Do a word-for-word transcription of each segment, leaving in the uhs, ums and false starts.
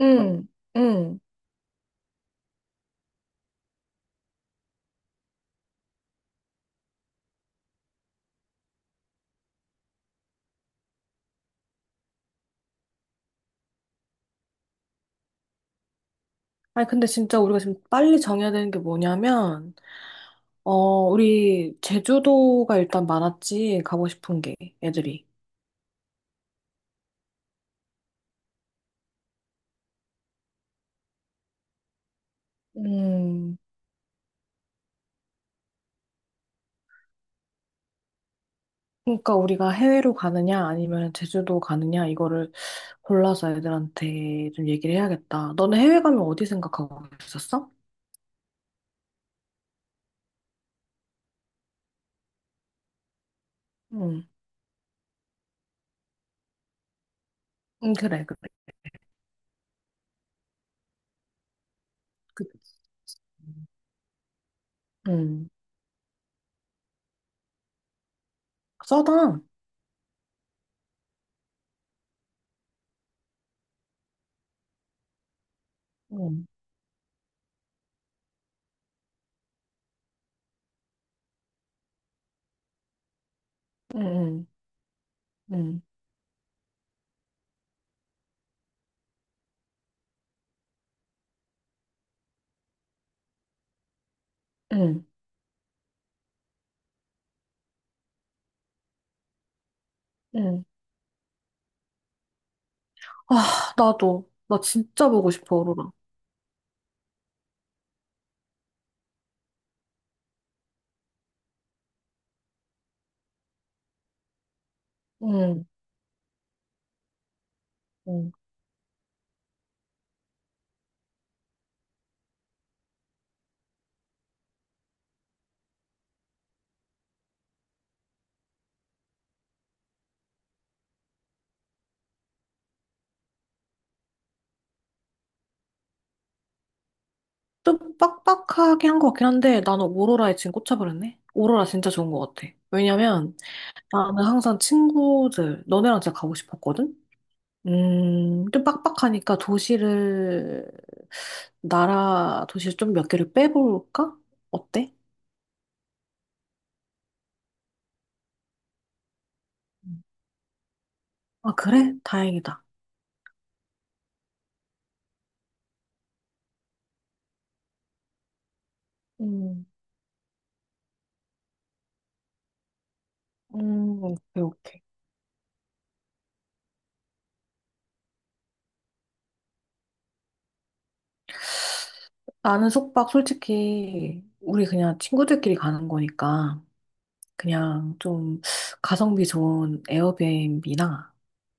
응, 응. 아니, 근데 진짜 우리가 지금 빨리 정해야 되는 게 뭐냐면, 어, 우리 제주도가 일단 많았지, 가고 싶은 게, 애들이. 음, 그러니까 우리가 해외로 가느냐, 아니면 제주도 가느냐, 이거를 골라서 애들한테 좀 얘기를 해야겠다. 너는 해외 가면 어디 생각하고 있었어? 응, 응, 그래, 그래. 그, 응. 써당. 응, 응, 응, 응, 응. 응. 아, 나도. 나 진짜 보고 싶어, 오로라. 응, 응. 좀 빡빡하게 한 것 같긴 한데 나는 오로라에 지금 꽂혀버렸네. 오로라 진짜 좋은 것 같아. 왜냐면 나는 항상 친구들, 너네랑 진짜 가고 싶었거든? 음, 좀 빡빡하니까 도시를, 나라 도시를 좀 몇 개를 빼볼까? 어때? 음. 아, 그래? 다행이다. 음, 음, 오케이, 오케이. 나는 숙박 솔직히 우리 그냥 친구들끼리 가는 거니까. 그냥 좀 가성비 좋은 에어비앤비나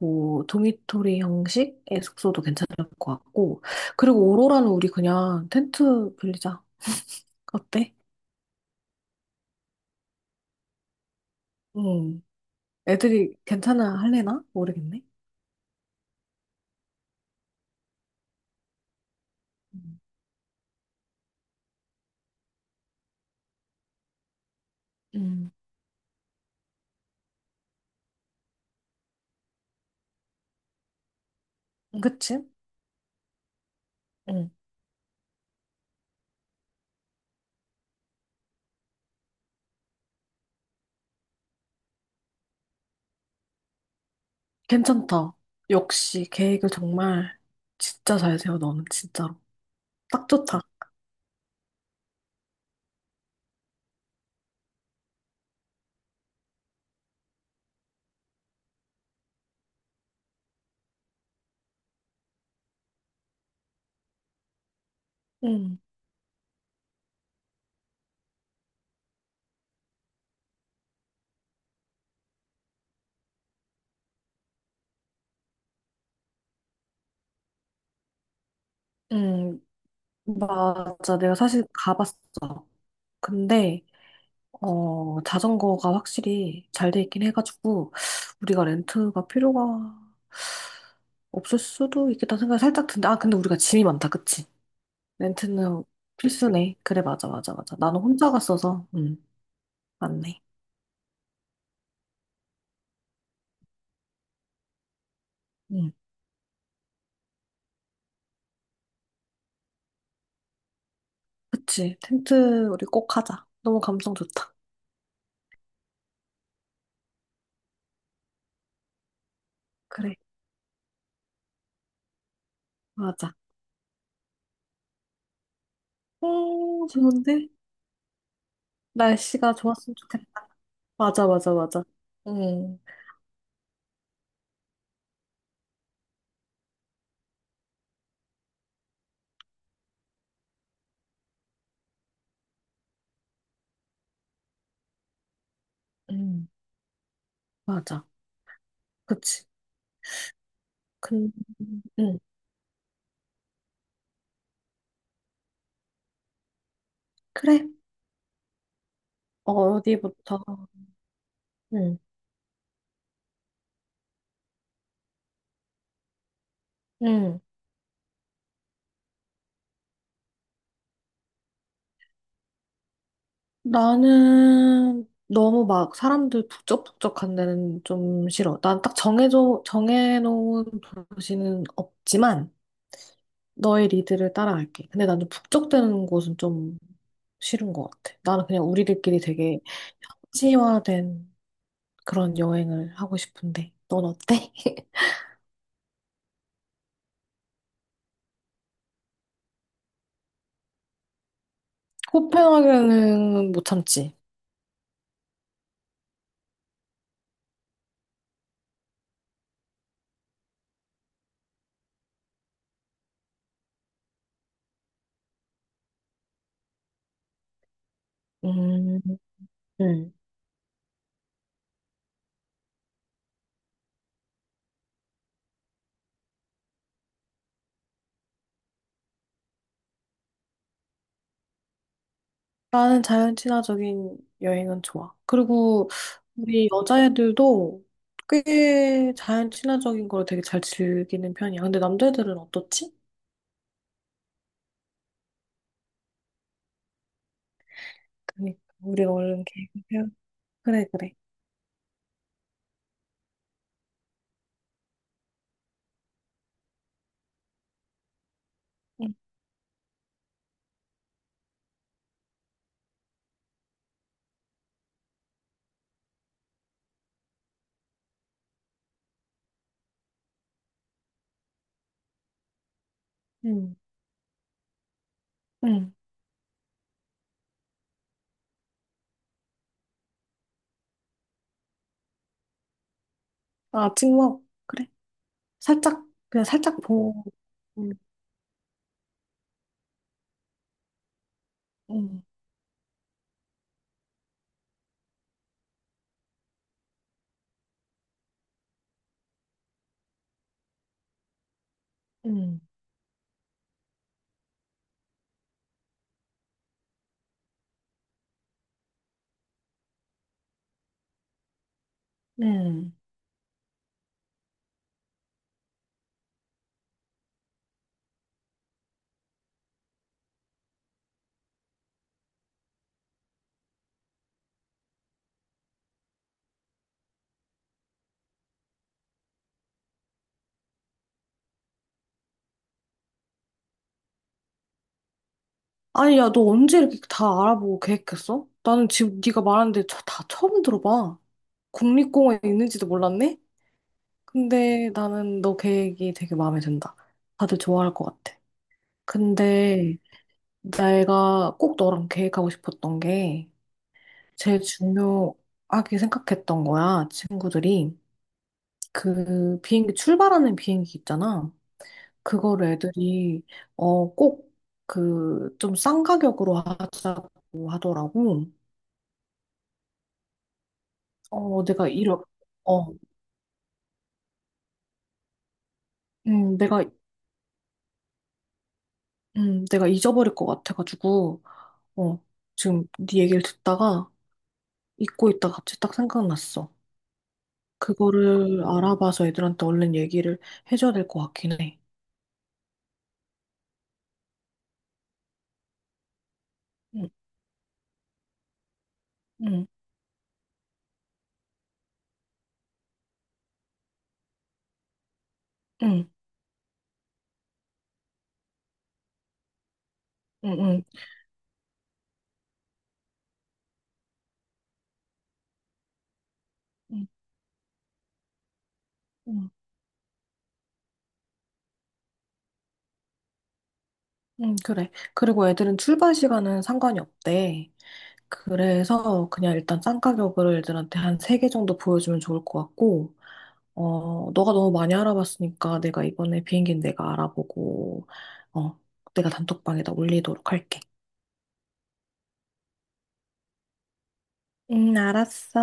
뭐 도미토리 형식의 숙소도 괜찮을 것 같고 그리고 오로라는 우리 그냥 텐트 빌리자. 어때? 응. 애들이 괜찮아 할래나? 모르겠네. 음. 음. 그치? 응. 괜찮다. 역시 계획을 정말 진짜 잘 세워 너는 진짜로. 딱 좋다. 응. 응. 맞아. 내가 사실 가봤어. 근데 어, 자전거가 확실히 잘 돼 있긴 해가지고, 우리가 렌트가 필요가 없을 수도 있겠다 생각이 살짝 든다. 아, 근데 우리가 짐이 많다, 그치? 렌트는 필수네. 그래, 맞아, 맞아, 맞아. 나는 혼자 갔어서, 응, 맞네. 응, 그치. 텐트 우리 꼭 하자. 너무 감성 좋다. 그래, 맞아. 음, 좋은데? 날씨가 좋았으면 좋겠다. 맞아, 맞아, 맞아. 응, 응, 맞아. 그치. 근, 응, 그래. 어디부터? 응, 응, 나는 너무 막 사람들 북적북적한 데는 좀 싫어. 난 딱 정해져, 정해놓은 도시는 없지만 너의 리드를 따라갈게. 근데 나는 북적대는 곳은 좀 싫은 것 같아. 나는 그냥 우리들끼리 되게 현지화된 그런 여행을 하고 싶은데. 넌 어때? 코펜하겐은 못 참지. 음, 응. 나는 자연 친화적인 여행은 좋아. 그리고 우리 여자애들도 꽤 자연 친화적인 걸 되게 잘 즐기는 편이야. 근데 남자애들은 어떻지? 그러니까 우리가 얼른 계획을 세워. 그래, 그래. 응, 응, 응. 아, 찍먹. 그래. 살짝, 그냥 살짝 보고. 응, 응, 응, 응. 아니, 야, 너 언제 이렇게 다 알아보고 계획했어? 나는 지금 네가 말하는데 저 다 처음 들어봐. 국립공원에 있는지도 몰랐네? 근데 나는 너 계획이 되게 마음에 든다. 다들 좋아할 것 같아. 근데 내가 꼭 너랑 계획하고 싶었던 게 제일 중요하게 생각했던 거야. 친구들이 그 비행기 출발하는 비행기 있잖아. 그거를 애들이 어 꼭 그 좀 싼 가격으로 하자고 하더라고. 어 내가 이러 어 음, 내가 음, 내가 잊어버릴 것 같아가지고 어 지금 네 얘기를 듣다가 잊고 있다 갑자기 딱 생각났어. 그거를 알아봐서 애들한테 얼른 얘기를 해줘야 될 것 같긴 해. 응, 응, 응, 응, 응, 응, 응, 응, 그래. 그리고 애들은 출발 시간은 상관이 없대. 그래서 그냥 일단 싼 가격을 애들한테 한 세 개 정도 보여주면 좋을 것 같고, 어, 너가 너무 많이 알아봤으니까 내가 이번에 비행기는 내가 알아보고, 어, 내가 단톡방에다 올리도록 할게. 응, 알았어.